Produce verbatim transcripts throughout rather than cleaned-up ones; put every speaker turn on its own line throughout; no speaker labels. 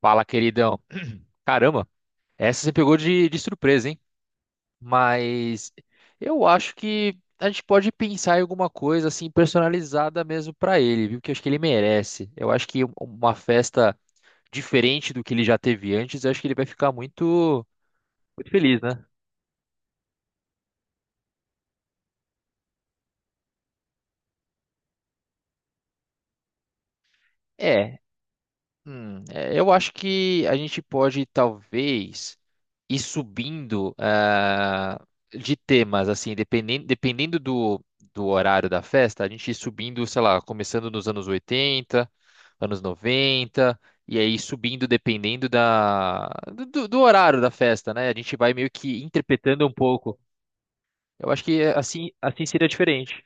Fala, queridão. Caramba, essa você pegou de, de surpresa, hein? Mas eu acho que a gente pode pensar em alguma coisa assim personalizada mesmo pra ele, viu? Que eu acho que ele merece. Eu acho que um- uma festa diferente do que ele já teve antes, eu acho que ele vai ficar muito, muito feliz, né? É, Hum, é, eu acho que a gente pode talvez ir subindo ah, de temas, assim, dependendo, dependendo do, do horário da festa, a gente ir subindo, sei lá, começando nos anos oitenta, anos noventa, e aí subindo dependendo da, do, do do horário da festa, né? A gente vai meio que interpretando um pouco. Eu acho que é, assim, assim seria diferente.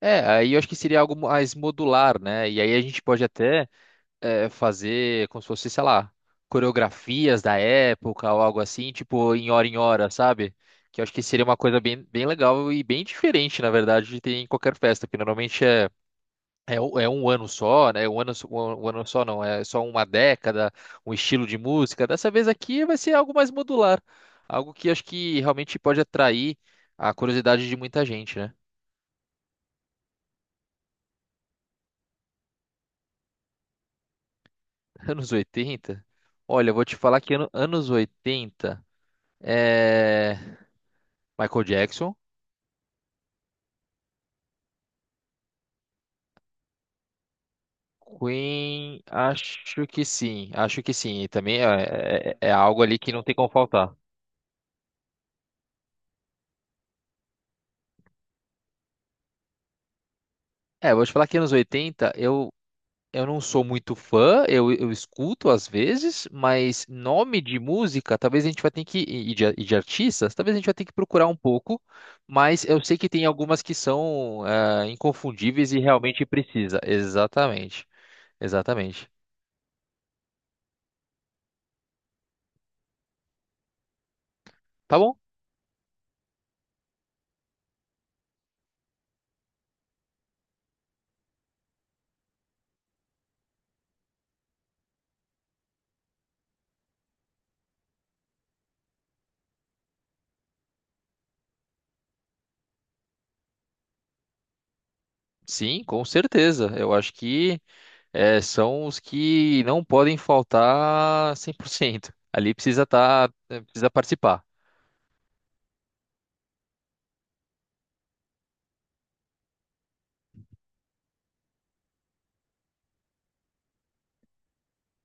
É, aí eu acho que seria algo mais modular, né? E aí a gente pode até. É, fazer como se fosse, sei lá, coreografias da época ou algo assim, tipo em hora em hora, sabe? Que eu acho que seria uma coisa bem, bem legal e bem diferente, na verdade, de ter em qualquer festa, porque normalmente é, é, um é um ano só, né? Um ano, só- um um ano só não, é só uma década, um estilo de música. Dessa vez aqui vai ser algo mais modular, algo que acho que realmente pode atrair a curiosidade de muita gente, né? Anos oitenta. Olha, eu vou te falar que ano- anos oitenta eh, Michael Jackson. Queen, acho que sim, acho que sim. E também é, é- é algo ali que não tem como faltar. É, eu vou te falar que anos oitenta, eu, eu não sou muito fã, eu, eu escuto às vezes, mas nome de música, talvez a gente vai ter que, e e de, e de artistas, talvez a gente vai ter que procurar um pouco, mas eu sei que tem algumas que são ah, inconfundíveis e realmente precisa. Exatamente, exatamente. Tá bom? Sim, com certeza. Eu acho que. É, são os que não podem faltar cem por cento. Ali precisa tá, é, precisa participar.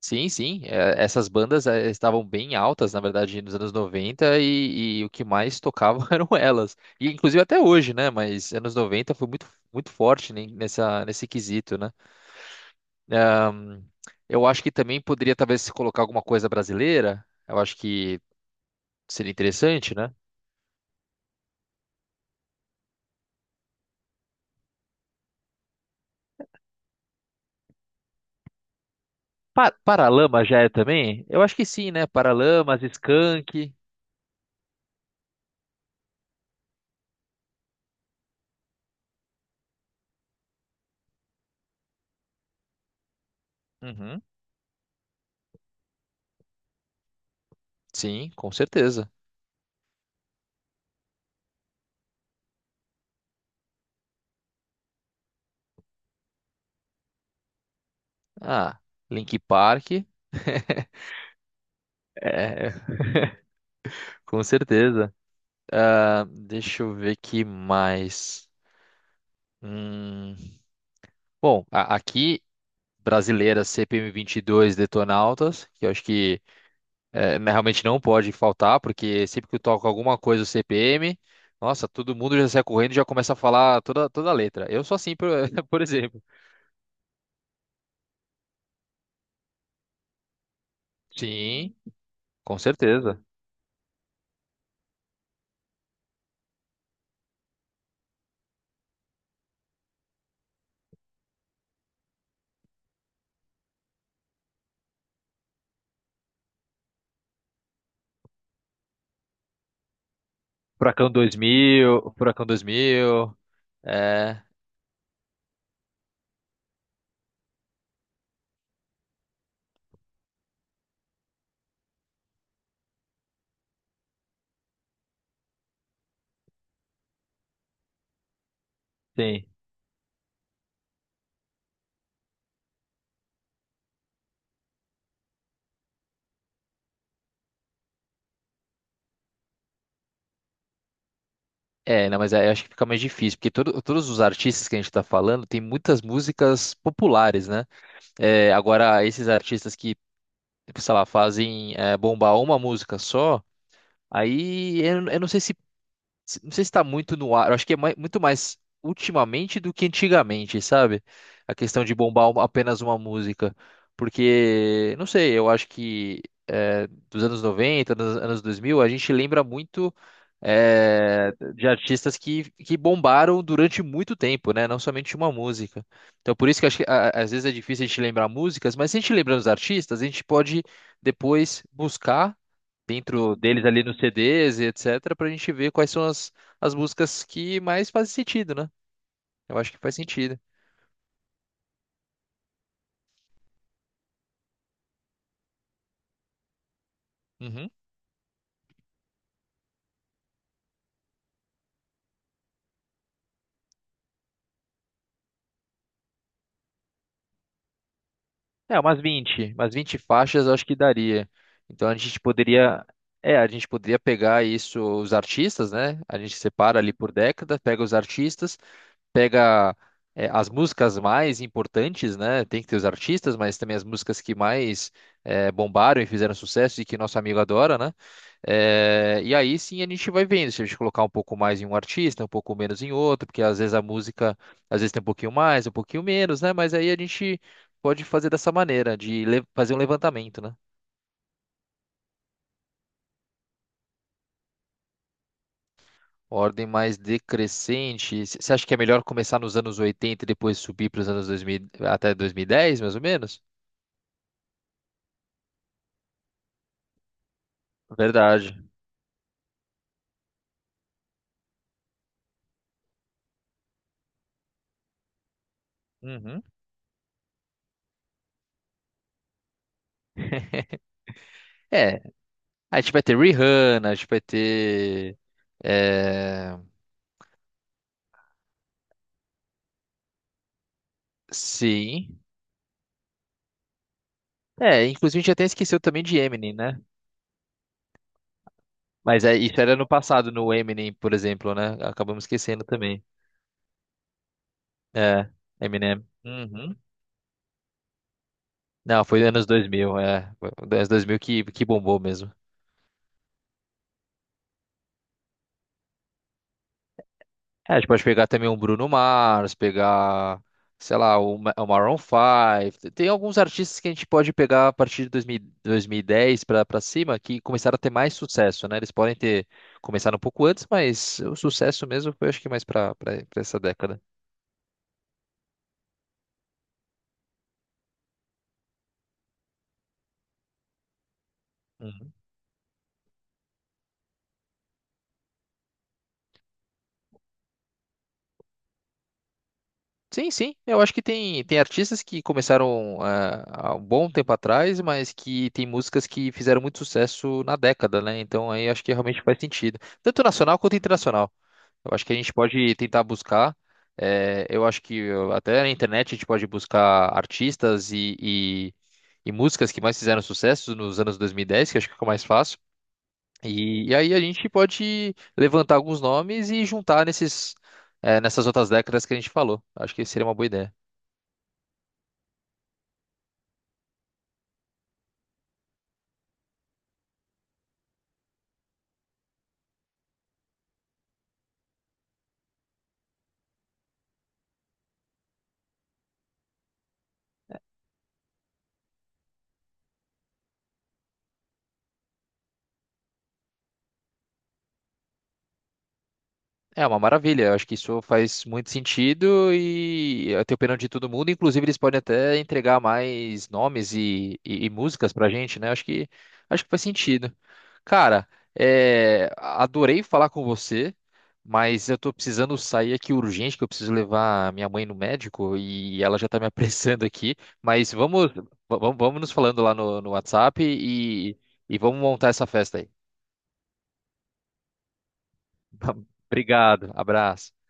Sim, sim, é, essas bandas é, estavam bem altas, na verdade, nos anos noventa e, e o que mais tocavam eram elas. E inclusive até hoje, né? Mas anos noventa foi muito, muito forte nem- nessa, nesse quesito, né? Ahn, eu acho que também poderia talvez se colocar alguma coisa brasileira. Eu acho que seria interessante, né? Pa Paralamas já é também? Eu acho que sim, né? Paralamas, Skank. Uhum. Sim, com certeza. Ah, Link Park. É, com certeza. Ah, deixa eu ver que mais. Hum, bom, a- Aqui, brasileira C P M dois Detonautas, que eu acho que eh, né, realmente não pode faltar, porque sempre que eu toco alguma coisa do C P M, nossa, todo mundo já sai correndo e já começa a falar toda, toda a letra. Eu sou assim, por, por exemplo. Sim, com certeza. Furacão dois mil, Furacão dois mil. Sim. É, não, mas aí eu acho que fica mais difícil, porque todo- todos os artistas que a gente tá falando tem muitas músicas populares, né? É, agora, esses artistas que, sei lá, fazem é, bombar uma música só, aí eu, eu não sei se se- Não sei se está muito no ar, eu acho que é mai- muito mais ultimamente do que antigamente, sabe? A questão de bombar uma- apenas uma música. Porque, não sei, eu acho que eh, dos anos noventa, dos anos dois mil, a gente lembra muito eh, de artistas que, que bombaram durante muito tempo, né? Não somente uma música. Então, por isso que, acho que a- às vezes é difícil a gente lembrar músicas, mas se a gente lembrar os artistas, a gente pode depois buscar dentro deles ali nos C Ds e etc, pra gente ver quais são as, as músicas que mais fazem sentido, né? Eu acho que faz sentido. Uhum. É, umas vinte umas vinte faixas eu acho que daria. Então a gente poderia, é, a gente poderia pegar isso, os artistas, né? A gente separa ali por década, pega os artistas, pega eh, as músicas mais importantes, né? Tem que ter os artistas, mas também as músicas que mais eh, bombaram e fizeram sucesso e que nosso amigo adora, né? Eh, e aí sim a gente vai vendo se a gente colocar um pouco mais em um artista, um pouco menos em outro, porque às vezes a música, às vezes tem um pouquinho mais, um pouquinho menos, né? Mas aí a gente pode fazer dessa maneira, de le- fazer um levantamento, né? Ordem mais decrescente. C- Você acha que é melhor começar nos anos oitenta e depois subir para os anos dois mil, até dois mil e dez, mais ou menos? Verdade. Uhum. É, a gente vai ter Rihanna, a gente vai ter. É... Sim. É, inclusive a gente até esqueceu também de Eminem, né? Mas é, isso era no passado, no Eminem, por exemplo, né? Acabamos esquecendo também. É, Eminem. Uhum. Não, foi anos dois mil, é. Foi anos dois mil que, que bombou mesmo. É, a gente pode pegar também um Bruno Mars, pegar, sei lá, o Ma- o Maroon cinco. Tem alguns artistas que a gente pode pegar a partir de dois mil dois mil e dez para para cima que começaram a ter mais sucesso, né? Eles podem ter começado um pouco antes, mas o sucesso mesmo foi acho que mais para para essa década. Uhum. Sim, sim. Eu acho que tem, tem artistas que começaram eh, há um bom tempo atrás, mas que tem músicas que fizeram muito sucesso na década, né? Então aí acho que realmente faz sentido. Tanto nacional quanto internacional. Eu acho que a gente pode tentar buscar. Eh, eu acho que eu- até na internet a gente pode buscar artistas e, e, e músicas que mais fizeram sucesso nos anos dois mil e dez, que eu acho que fica mais fácil. E, e aí a gente pode levantar alguns nomes e juntar nesses, eh, nessas outras décadas que a gente falou. Acho que seria uma boa ideia. É uma maravilha, eu acho que isso faz muito sentido e eu tenho opinião de todo mundo, inclusive eles podem até entregar mais nomes e, e, e músicas pra gente, né? Acho que acho que faz sentido. Cara, é, adorei falar com você, mas eu tô precisando sair aqui urgente, que eu preciso levar minha mãe no médico e ela já tá me apressando aqui, mas vamos vamos, vamos nos falando lá no, no WhatsApp e, e vamos montar essa festa aí. Obrigado, abraço.